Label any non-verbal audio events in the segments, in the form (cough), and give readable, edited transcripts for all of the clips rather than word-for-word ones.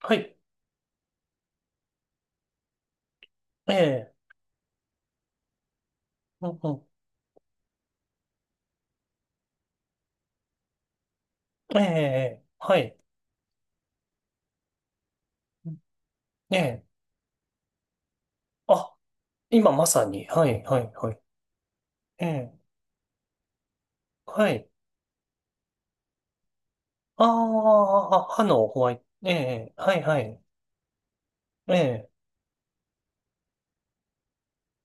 はい。ええ、うんうん。ええ、はい。ええ、あ、今まさに。はい、はい、はい。ええ、はい。ああ、歯のホワイト。ええ、はい、はい。ええ、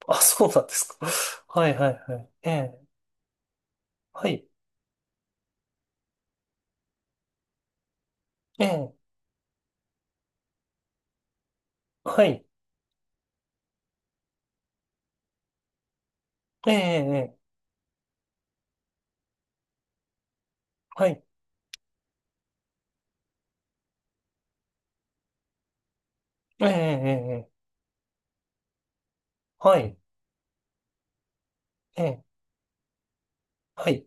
あ、そうなんですか。(laughs) はい、はい、はい。ええ、はい。ええ、はい。ええ、はい。ええ、ええはい。ええ、はい。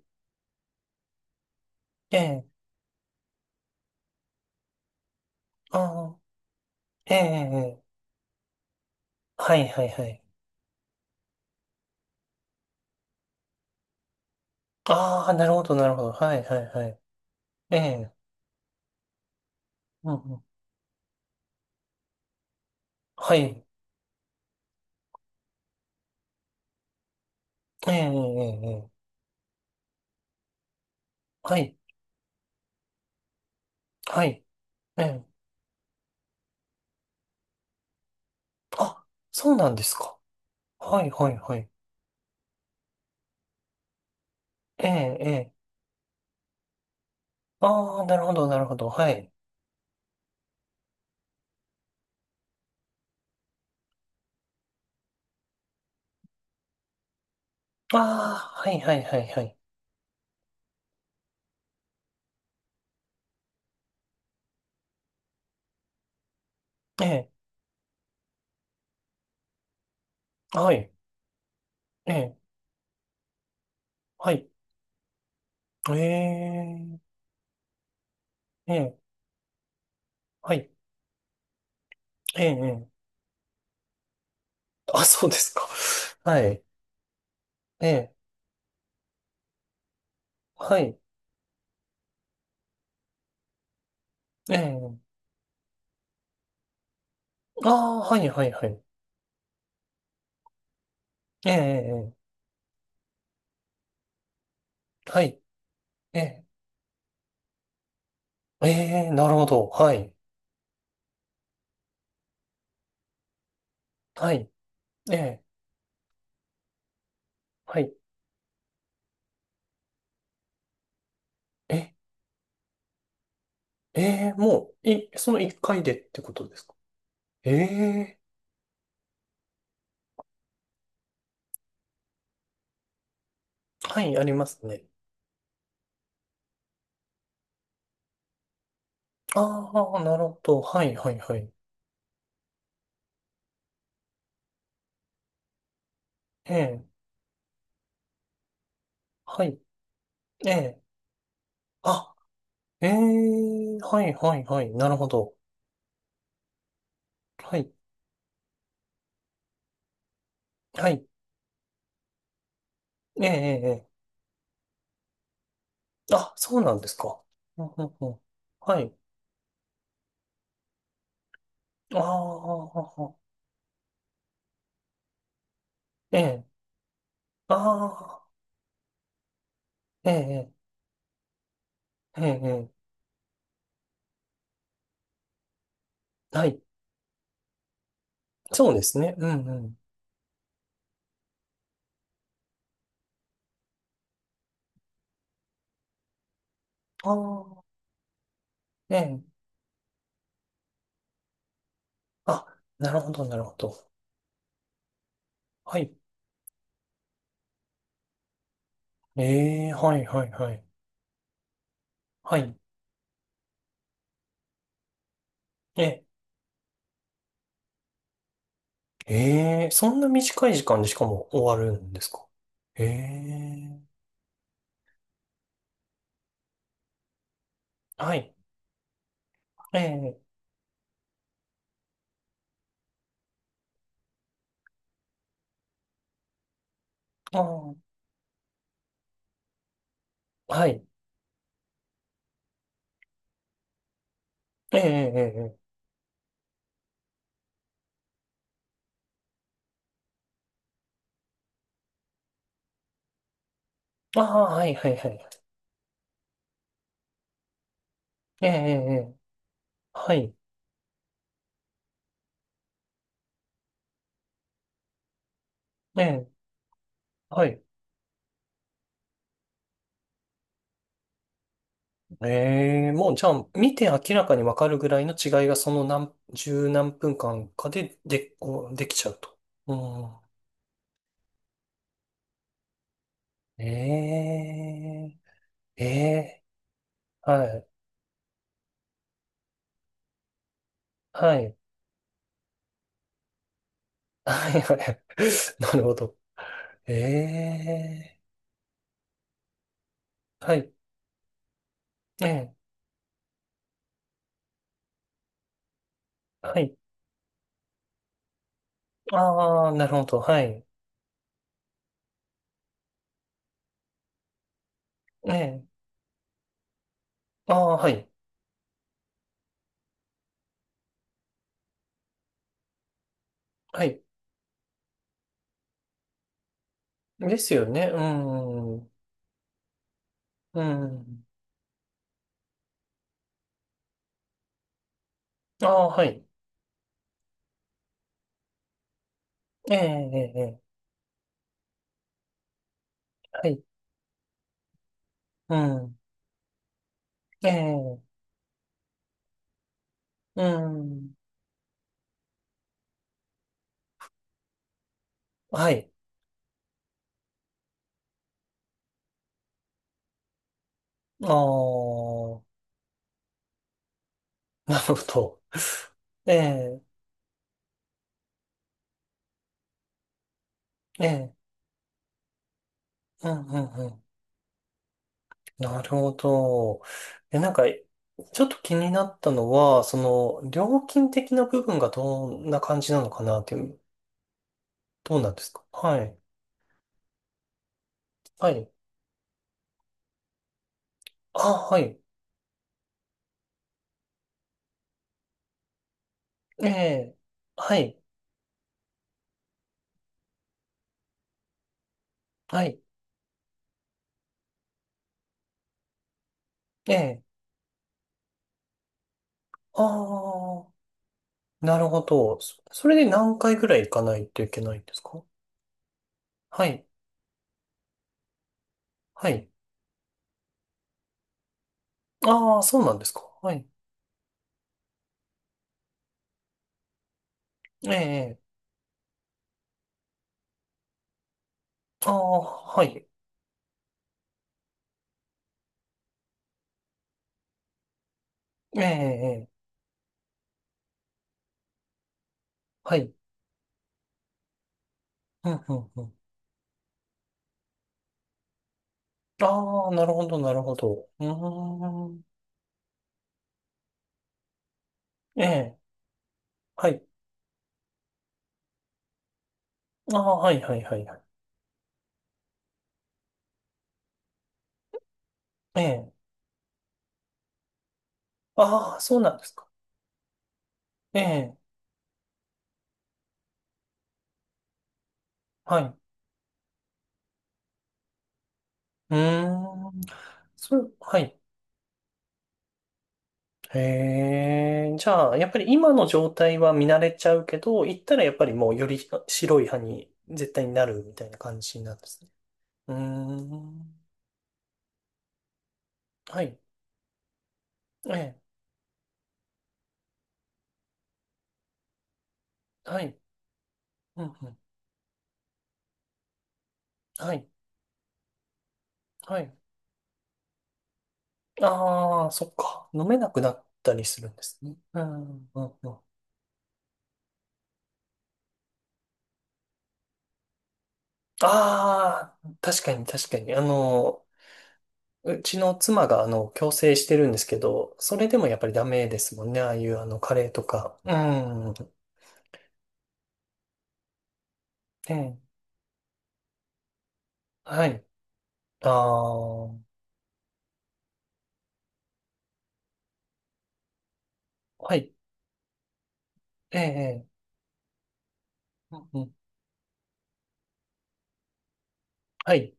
ええ、ああ、ええ、はい、はい、はい。ああ、なるほど、なるほど。はい、はい、はい。ええ、うんうん。はい。ええ、ええ、ええはい、はい、ええ。あ、そうなんですか。はい、はい、はい。ええ、ええ。ああ、なるほど、なるほど、はい。ああ、はい、はい、はい、はい。ええ、はい、ええ、はい。ええ、ええ、はい、ええ、ええ。あ、そうですか。(laughs) はい、ええ、はい、ええ。ああ、はい、はい、はい。ええ、ええ、はい、ええ、ええ、なるほど、はい、はい、ええ、はい、ええええもう、その1回でってことですか。ええはい、ありますね。ああ、なるほど。はい、はい、はい。ええはい、ええあ、ええはい、はい、はい、なるほど。はい、はい、ええええええあ、そうなんですか。うんうんうんはい、ああ、ええああ、ええええええはい、そうですね。うん、うん。ああ、ええあ、なるほど、なるほど。はい。ええ、はい、はい、はい。はい。え、ええ、そんな短い時間でしかも終わるんですか。ええ、はい。ええ、あーはい。ええ、ええ、ああー、はい、はい、はい。ええ、ええ、はい。ええ、はい。ええ、もうじゃあ、見て明らかにわかるぐらいの違いがその十何分間かで、こうできちゃうと。うん。ええ、ええ、はい、はい、はい、はい。(laughs) なるほど。ええはい。ええはい。ああ、なるほど。はい。ええああ、はい。はい。ですよね。うん。うん。ああ、はい。ええええええはい。うん。ええうん。はい。ああ、(laughs) なるほど。ええええうん、うん、うん。なるほど。え、なんか、ちょっと気になったのは、の料金的な部分がどんな感じなのかなっていう。どうなんですか。はい。はい。あ、はい。ええ。はい。はい。ええ。ああ、なるほど。それで何回ぐらい行かないといけないんですか。はい。はい。ああ、そうなんですか。はい。ええ。ああ、はい。ええ。はい。うん、うん、うん。ああ、なるほど、なるほど。うーん。ええ。はい。ああ、はい、はい、はい、はい。ええ。ああ、そうなんですか。ええ。はい。うーん。それ、はい。へえ、じゃあ、やっぱり今の状態は見慣れちゃうけど、行ったらやっぱりもうより白い歯に絶対になるみたいな感じなんですね。うーん。はい。ええ。はい。うんうん。はい。はい。ああ、そっか。飲めなくなったりするんですね。うん。うんうん。ああ、確かに確かに。あの、うちの妻があの、矯正してるんですけど、それでもやっぱりダメですもんね。ああいうあの、カレーとか。うん。ええ。はい。ああ、はい。ええ、ええうんうんはい。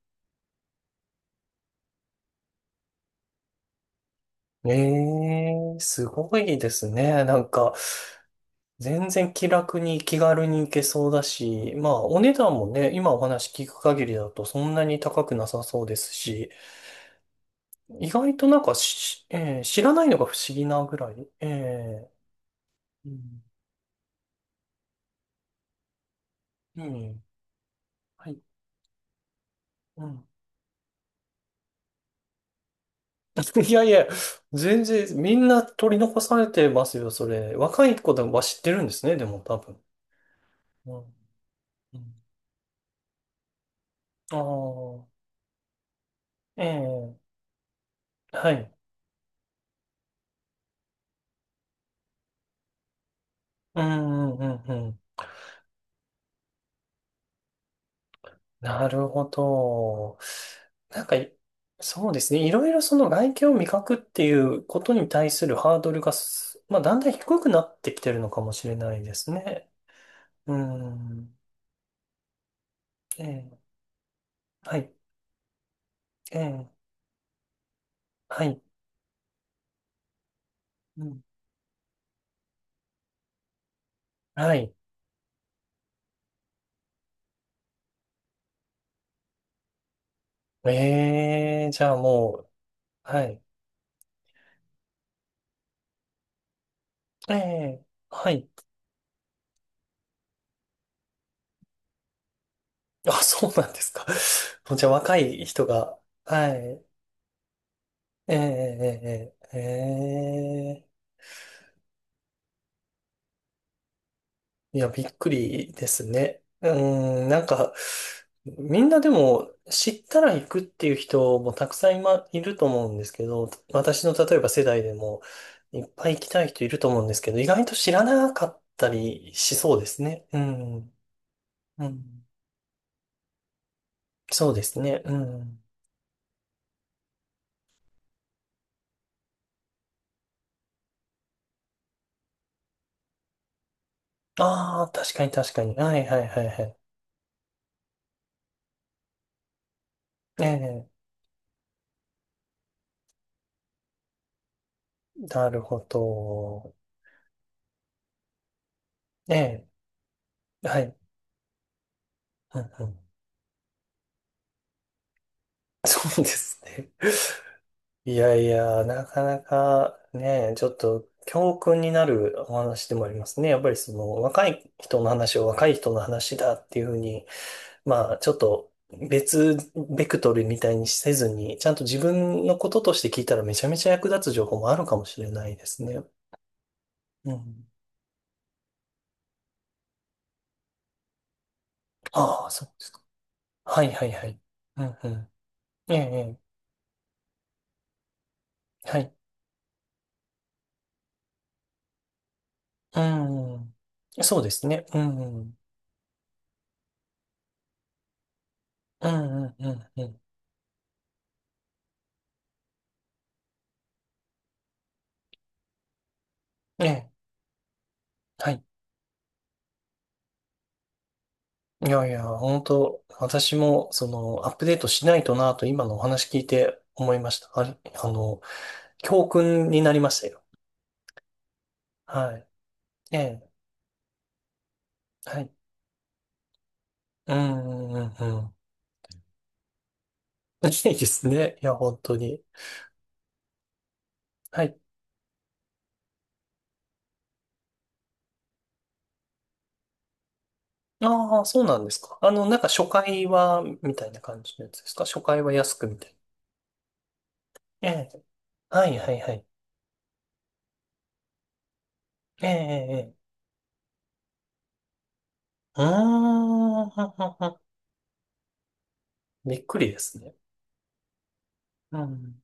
ええ、すごいですね。なんか、全然気楽に気軽に行けそうだし、まあ、お値段もね、今お話聞く限りだとそんなに高くなさそうですし、意外となんかし、ええ、知らないのが不思議なぐらい。ええ、うん、うんはい、うん。(laughs) いやいや、全然、みんな取り残されてますよ、それ。若い子でもは知ってるんですね、でも多分。うんうんああ、ええ、はい。うんうんうんうん。なるほど。なんか、そうですね。いろいろその外見を味覚っていうことに対するハードルがまあ、だんだん低くなってきてるのかもしれないですね。うん。ええ、はい。ええ、はい。うん、はい。ええ、じゃあもう、はい。ええ、はい。あ、そうなんですか。(laughs) じゃあ若い人が、はい。ええ、ええ、ええいや、びっくりですね。うーん、なんか、みんなでも知ったら行くっていう人もたくさん今いると思うんですけど、私の例えば世代でもいっぱい行きたい人いると思うんですけど、意外と知らなかったりしそうですね。うん、うん、そうですね。うん。ああ、確かに確かに。はいはいはいはい。ええ、なるほど。ええ、はい。うんうん (laughs) そうですね。いやいや、なかなかね、ちょっと教訓になるお話でもありますね。やっぱりその若い人の話を若い人の話だっていうふうに、まあちょっと別ベクトルみたいにせずに、ちゃんと自分のこととして聞いたらめちゃめちゃ役立つ情報もあるかもしれないですね。うん。ああ、そうですか。はいはいはい。うんうん。ええ、ええはい。うんうん。そうですね。うんうん。うんうんうんうん。ええ。はいいやいや、本当私も、その、アップデートしないとなと、今のお話聞いて思いました。あれ、あの、教訓になりましたよ。はい。ええ、はい。うん、うん、うん。(laughs) いいですね。いや、本当に。はい。ああ、そうなんですか。あの、なんか初回は、みたいな感じのやつですか。初回は安くみたいな。ええ、はい、はい、はい。ええ、ええ、ええうーん、(laughs) うんうんうんびっくりですね。うん。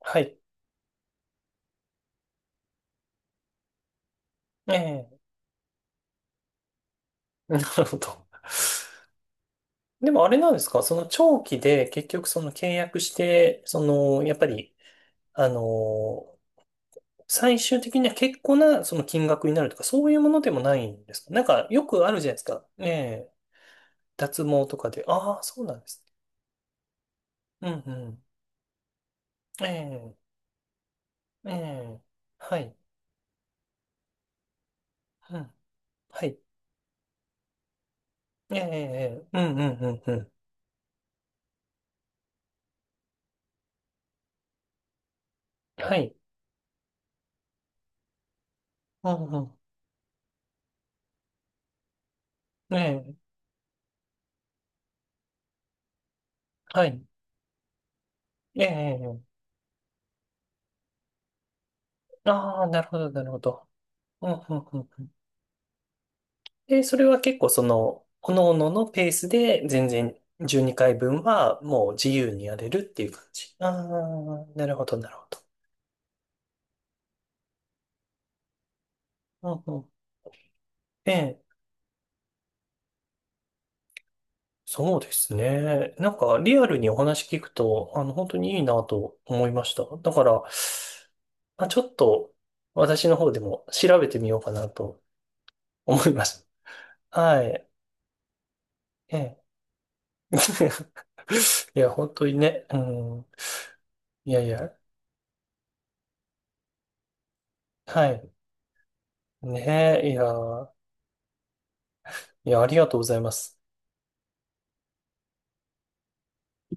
はい。ええ、(laughs) なるほど。でもあれなんですかその長期で結局その契約して、その、やっぱり、あの最終的には結構なその金額になるとか、そういうものでもないんですか。なんかよくあるじゃないですか。ええ、脱毛とかで。ああ、そうなんですね。うんうん。ええ、ええ、はい。うん、はい。ええ、ええうんうんうんうん。はい。うんうん。ええ、はい。ええ、ああ、なるほど、なるほど。うんうんうん。で、それは結構その、各々のペースで全然12回分はもう自由にやれるっていう感じ。ああ、なるほど、なるほど。うんうん。ええ、そうですね。なんかリアルにお話聞くと、あの、本当にいいなと思いました。だから、まあ、ちょっと私の方でも調べてみようかなと思いました。はい。ええ。(laughs) いや、本当にね。うん。いやいや。はい。ねえ、いやー。いや、ありがとうございます。